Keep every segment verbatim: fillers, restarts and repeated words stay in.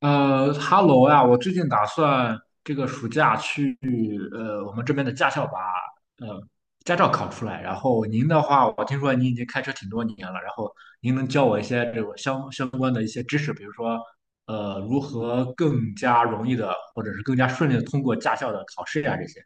呃哈喽呀，我最近打算这个暑假去呃我们这边的驾校把呃驾照考出来。然后您的话，我听说您已经开车挺多年了，然后您能教我一些这种相相关的一些知识，比如说呃如何更加容易的或者是更加顺利的通过驾校的考试呀、这些。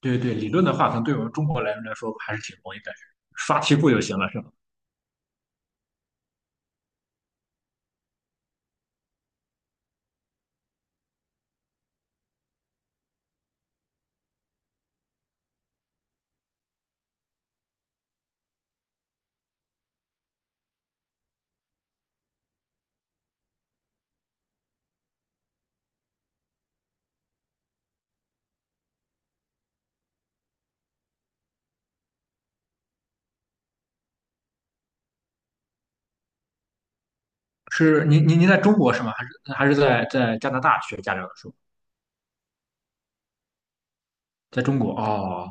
对对，理论的话，可能对我们中国人来说还是挺容易的，刷题库就行了，是吗？是您您您在中国是吗？还是还是在在加拿大学驾照的时候，在中国哦。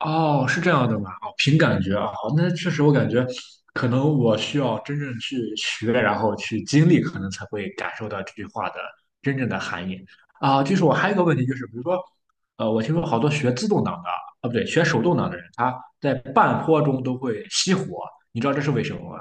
哦，是这样的吗？哦，凭感觉啊，好那确实我感觉，可能我需要真正去学，然后去经历，可能才会感受到这句话的真正的含义啊。就是我还有一个问题，就是比如说，呃，我听说好多学自动挡的，啊，不对，学手动挡的人，他在半坡中都会熄火，你知道这是为什么吗？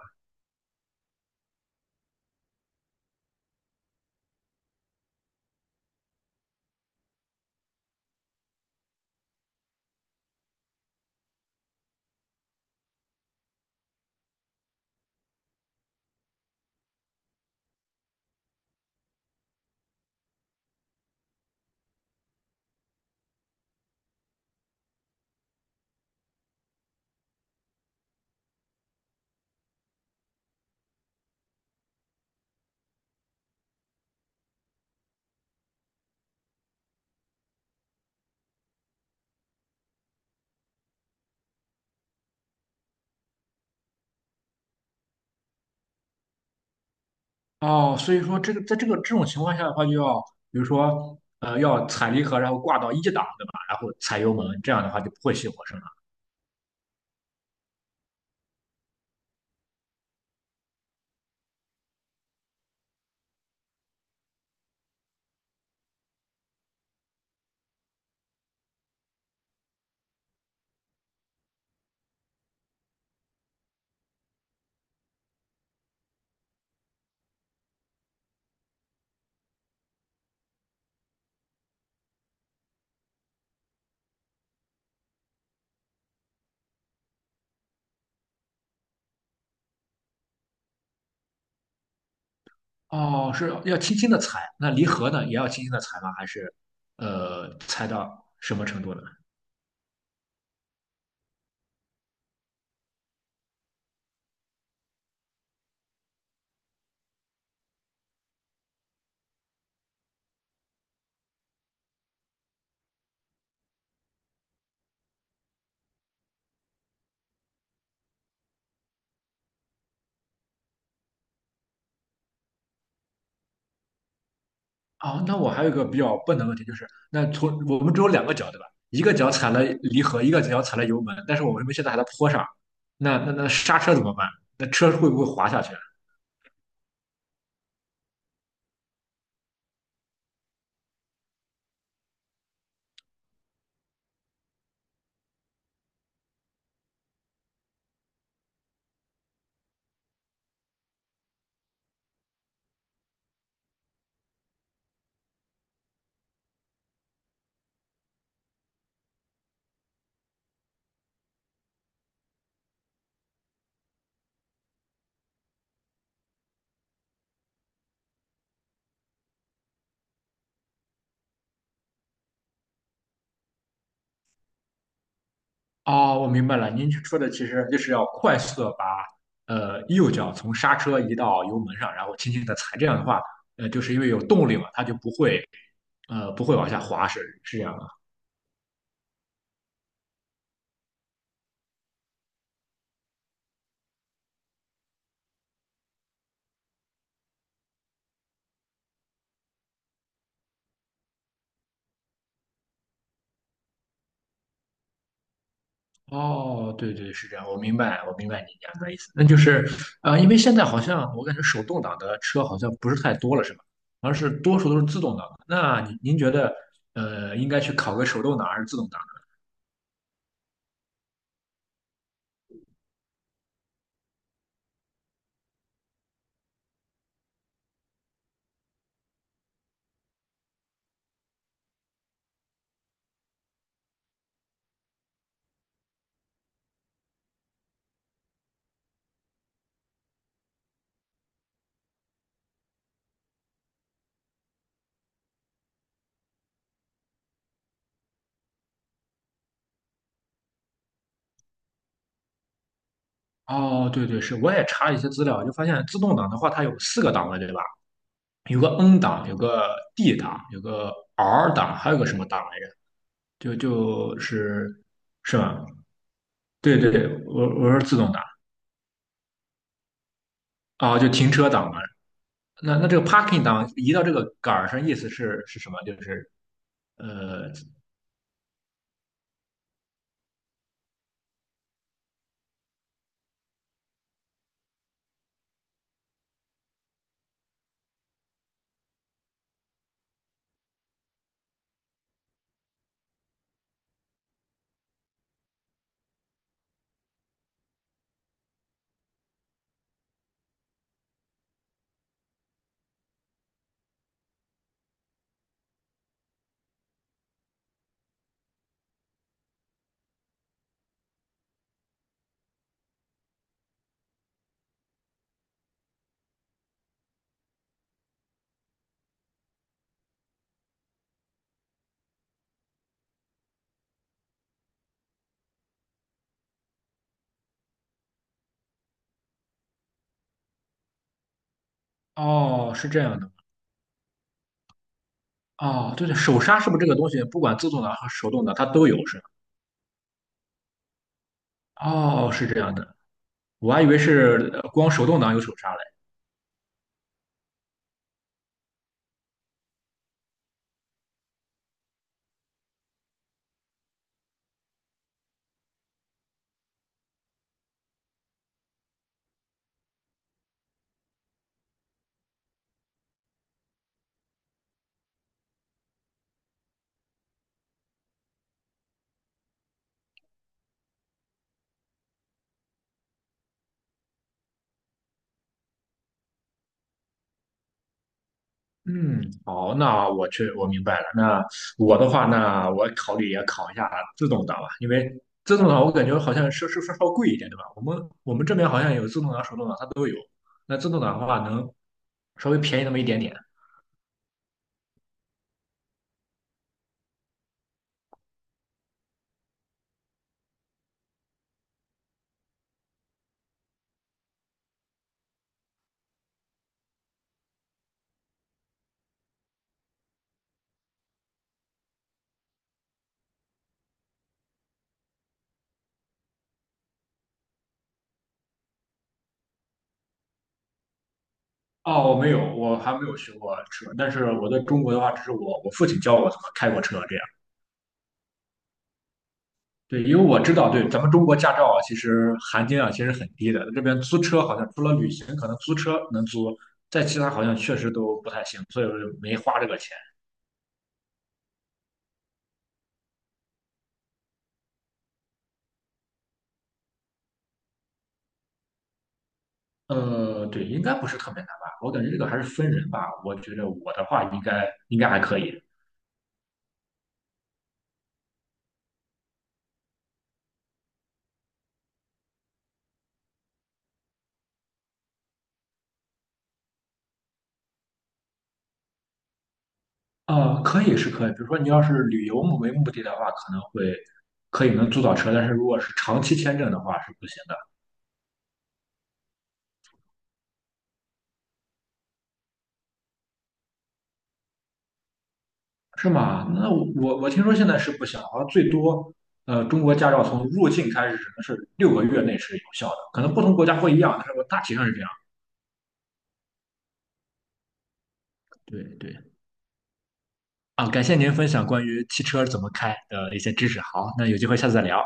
哦，所以说这个在这个这种情况下的话，就要比如说，呃，要踩离合，然后挂到一档，对吧？然后踩油门，这样的话就不会熄火，是吗？哦，是要轻轻的踩，那离合呢也要轻轻的踩吗？还是呃踩到什么程度呢？哦，那我还有一个比较笨的问题，就是那从我们只有两个脚对吧？一个脚踩了离合，一个脚踩了油门，但是我们现在还在坡上，那那那刹车怎么办？那车会不会滑下去？哦，我明白了，您说的其实就是要快速的把呃右脚从刹车移到油门上，然后轻轻的踩，这样的话，呃，就是因为有动力嘛，它就不会呃不会往下滑，是是这样。的。哦，对对，是这样，我明白，我明白你讲的意思。那就是，呃，因为现在好像我感觉手动挡的车好像不是太多了，是吧？而是多数都是自动挡的。那您您觉得，呃，应该去考个手动挡还是自动挡呢？哦，对对，是，我也查了一些资料，就发现自动挡的话，它有四个档位，对吧？有个 N 档，有个 D 档，有个 R 档，还有个什么档来着？就就是是吧？对对对，我我是自动挡啊，就停车档嘛。那那这个 parking 档移到这个杆儿上，意思是是什么？就是呃，哦，是这样的。哦，对对，手刹是不是这个东西，不管自动挡和手动挡它都有是吧？哦，是这样的，我还以为是呃光手动挡有手刹嘞。嗯，好，那我去，我明白了。那我的话，那我考虑也考一下自动挡吧，因为自动挡我感觉好像是是是稍贵一点，对吧？我们我们这边好像有自动挡、手动挡，它都有。那自动挡的话，能稍微便宜那么一点点。哦，我没有，我还没有学过车，但是我在中国的话，只是我我父亲教我怎么开过车这样。对，因为我知道，对咱们中国驾照啊，其实含金量其实很低的。这边租车好像除了旅行，可能租车能租，在其他好像确实都不太行，所以我就没花这个钱。呃，对，应该不是特别难吧？我感觉这个还是分人吧。我觉得我的话应该应该还可以。呃，可以是可以，比如说你要是旅游目为目的的话，可能会可以能租到车，但是如果是长期签证的话是不行的。是吗？那我我我听说现在是不行，好像最多，呃，中国驾照从入境开始只能是六个月内是有效的，可能不同国家不一样，但是我大体上是这样的。对对啊，感谢您分享关于汽车怎么开的一些知识。好，那有机会下次再聊。